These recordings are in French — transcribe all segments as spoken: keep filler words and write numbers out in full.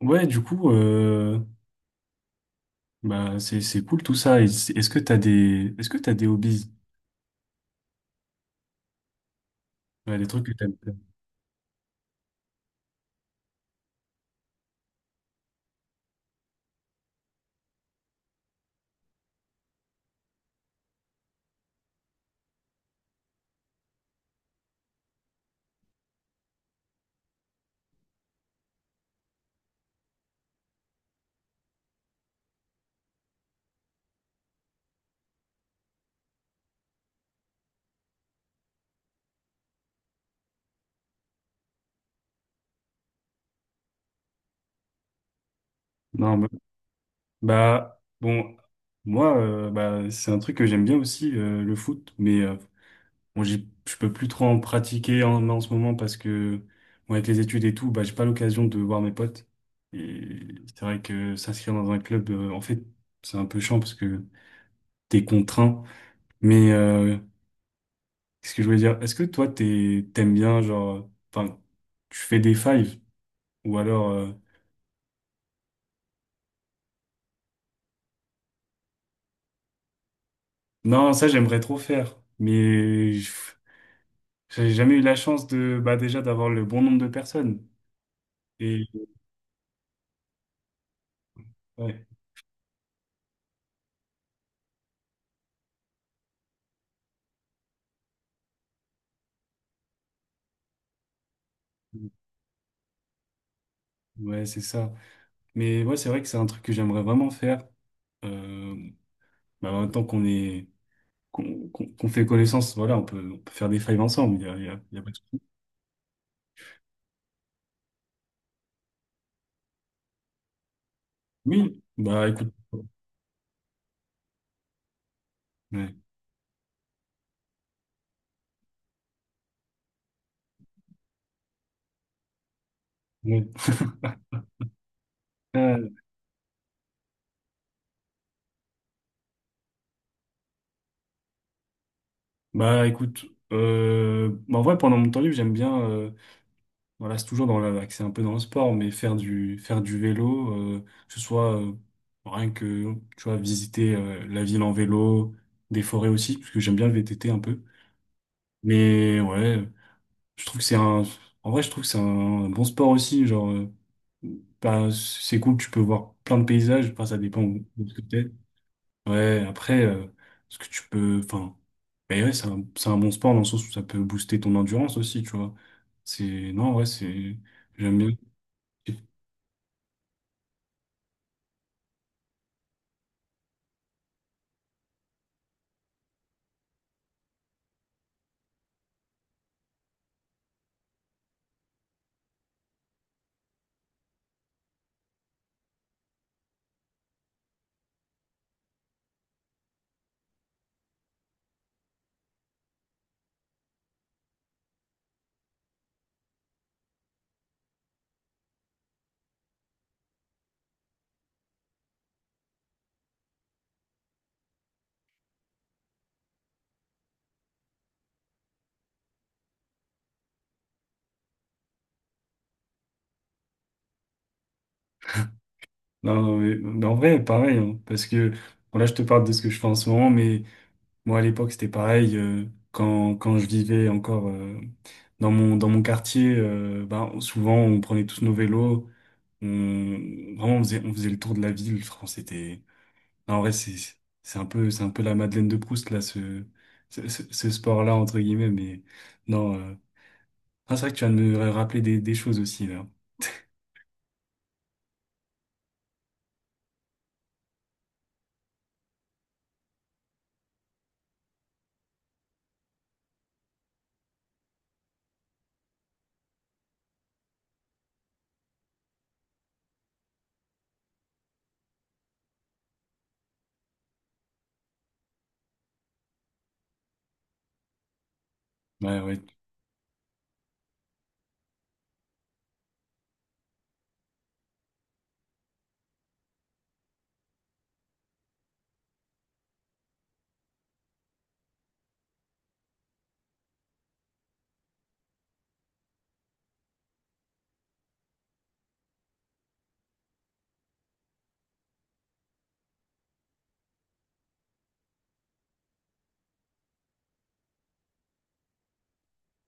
Ouais, du coup, euh, bah, c'est, c'est cool tout ça. Et c'est- est-ce que t'as des, est-ce que t'as des hobbies? Ouais, des trucs que t'aimes faire. Non, bah, bah, bon, moi, euh, bah, c'est un truc que j'aime bien aussi, euh, le foot. Mais, euh, bon, j'ai- je peux plus trop en pratiquer en, en ce moment parce que, bon, avec les études et tout, bah, j'ai pas l'occasion de voir mes potes. Et c'est vrai que s'inscrire dans un club, euh, en fait, c'est un peu chiant parce que t'es contraint. Mais, euh, Qu'est-ce que je voulais dire? Est-ce que toi, t'es, t'aimes bien, genre, euh, enfin, tu fais des fives ou alors, euh, non, ça, j'aimerais trop faire, mais je- j'ai jamais eu la chance de, bah, déjà, d'avoir le bon nombre de personnes. Et, ouais, ouais, c'est ça. Mais ouais, c'est vrai que c'est un truc que j'aimerais vraiment faire. Euh, Bah, en même temps qu'on est, qu'on, qu'on qu'on fait connaissance, voilà, on peut, on peut faire des fives ensemble, il y a, il y a, il y a pas de souci. Oui, bah, écoute. Ouais. Ouais. Ouais. Bah écoute, euh, bah, en vrai pendant mon temps libre j'aime bien, euh, voilà, c'est toujours dans la, c'est un peu dans le sport, mais faire du faire du vélo, euh, que ce soit, euh, rien que, tu vois, visiter, euh, la ville en vélo, des forêts aussi, parce que j'aime bien le V T T un peu. Mais ouais, je trouve que c'est un, en vrai je trouve que c'est un bon sport aussi, genre, euh, bah, c'est cool, tu peux voir plein de paysages, enfin ça dépend où où ce que t'es. Ouais, après, euh, ce que tu peux, enfin, mais ouais, c'est un, c'est un bon sport dans le sens où ça peut booster ton endurance aussi, tu vois. C'est, non, ouais, c'est, j'aime bien. Non, non, mais, mais en vrai, pareil, hein, parce que, bon, là, je te parle de ce que je fais en ce moment, mais moi, à l'époque, c'était pareil, euh, quand, quand je vivais encore, euh, dans mon, dans mon quartier, euh, ben, souvent, on prenait tous nos vélos, on, vraiment, on faisait, on faisait le tour de la ville, franchement, c'était, en vrai, c'est c'est un peu, c'est un peu la Madeleine de Proust, là, ce, ce, ce- ce sport-là, entre guillemets, mais non. euh, ah, c'est vrai que tu viens de me rappeler des, des choses aussi, là. Ouais, ouais.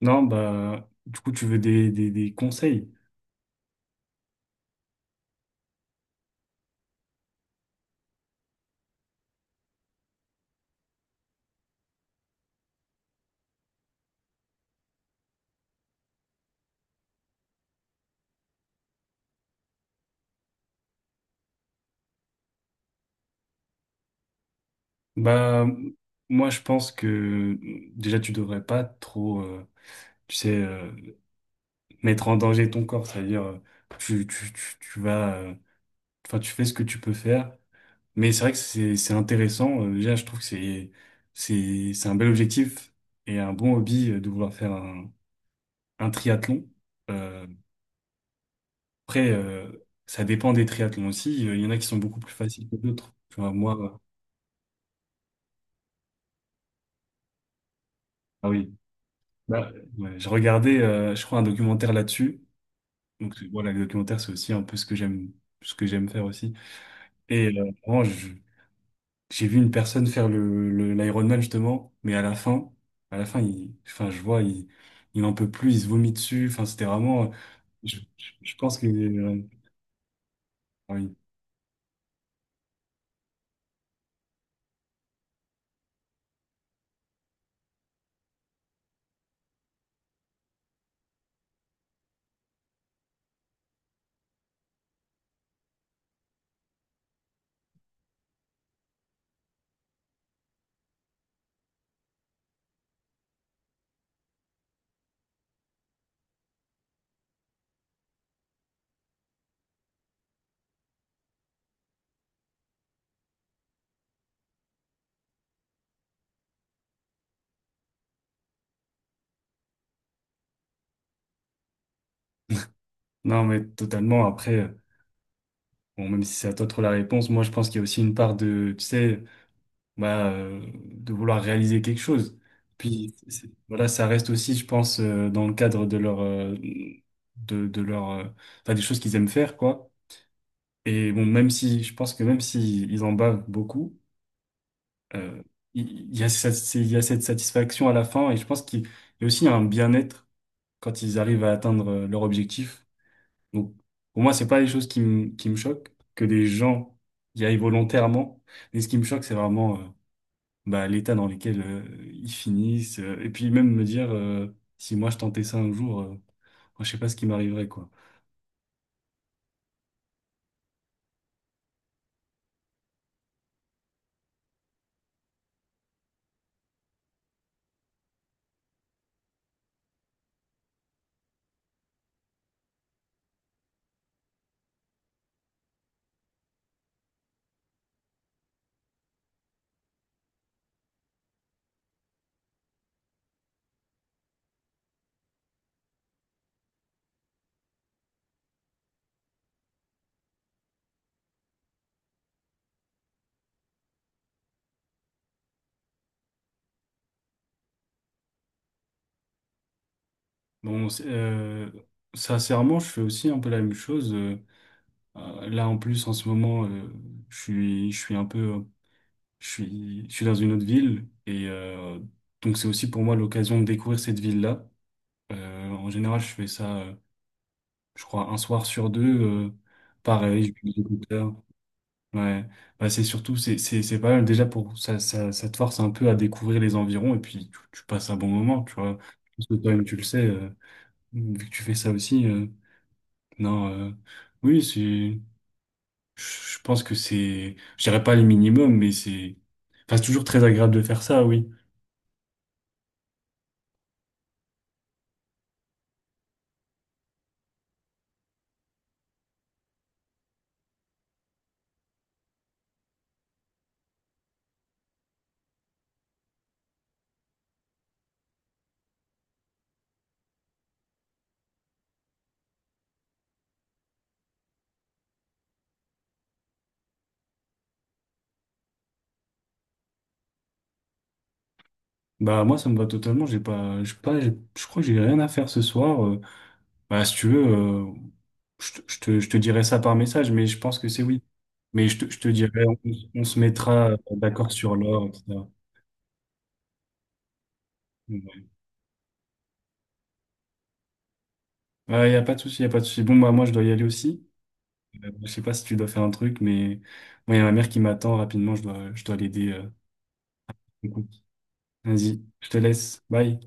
Non, bah, du coup, tu veux des, des, des conseils? Bah, moi, je pense que déjà, tu devrais pas trop, euh, tu sais, euh, mettre en danger ton corps, c'est-à-dire, euh, tu, tu, tu, tu vas, euh, enfin, tu fais ce que tu peux faire. Mais c'est vrai que c'est c'est intéressant. Euh, Déjà, je trouve que c'est c'est c'est un bel objectif et un bon hobby, euh, de vouloir faire un, un triathlon. Euh, après, euh, ça dépend des triathlons aussi. Euh, Il y en a qui sont beaucoup plus faciles que d'autres. Tu vois, moi, euh, ah oui, bah, ouais, je regardais, euh, je crois, un documentaire là-dessus. Donc c'est- voilà, les documentaires, c'est aussi un peu ce que j'aime, ce que j'aime, faire aussi. Et, euh, vraiment, je, j'ai vu une personne faire le, le, l'Ironman justement, mais à la fin, à la fin, il, enfin, je vois, il, il en peut plus, il se vomit dessus. Enfin, c'était vraiment, je, je, je pense que, euh, ah oui. Non, mais totalement. Après, euh, bon, même si c'est à toi de trouver la réponse, moi, je pense qu'il y a aussi une part de, tu sais, bah, euh, de vouloir réaliser quelque chose. Puis, c'est- voilà, ça reste aussi, je pense, euh, dans le cadre de leur, euh, de, de leur, euh, enfin, des choses qu'ils aiment faire, quoi. Et bon, même si, je pense que même s'ils ils en bavent beaucoup. euh, il il y a cette, c'est- il y a cette satisfaction à la fin, et je pense qu'il y a aussi un bien-être quand ils arrivent à atteindre, euh, leur objectif. Donc, pour moi, c'est pas les choses qui me, qui me choquent, que des gens y aillent volontairement. Mais ce qui me choque, c'est vraiment, euh, bah, l'état dans lequel, euh, ils finissent. Euh, et puis même me dire, euh, si moi je tentais ça un jour, euh, moi, je sais pas ce qui m'arriverait, quoi. Bon, c'est- euh, sincèrement, je fais aussi un peu la même chose. Euh, euh, là, en plus, en ce moment, euh, je suis, je suis un peu Je suis, je suis dans une autre ville, et euh, donc c'est aussi pour moi l'occasion de découvrir cette ville-là. Euh, en général, je fais ça, euh, je crois, un soir sur deux. Euh, pareil, je mets mes écouteurs. Ouais, bah, c'est surtout, c'est, c'est, c'est pas mal déjà pour ça, ça, ça te force un peu à découvrir les environs, et puis tu, tu passes un bon moment, tu vois. Parce que toi-même, tu le sais, euh, vu que tu fais ça aussi. Euh, non, euh, oui, c'est, je je pense que c'est, je dirais pas les minimums, mais c'est, enfin, c'est toujours très agréable de faire ça, oui. Bah moi ça me va totalement, j'ai pas, je pas, j'ai- je crois que j'ai rien à faire ce soir. euh. Bah si tu veux, euh, je te, je te je te dirai ça par message, mais je pense que c'est oui. Mais je te, je te dirai, on, on se mettra, euh, d'accord sur l'heure, etcétéra. Ouais. Ouais, y a pas de souci, y a pas de souci. Bon bah moi je dois y aller aussi. Euh, je sais pas si tu dois faire un truc, mais moi y a ma mère qui m'attend rapidement, je dois, je dois l'aider. euh. Du coup, vas-y, je te laisse, bye.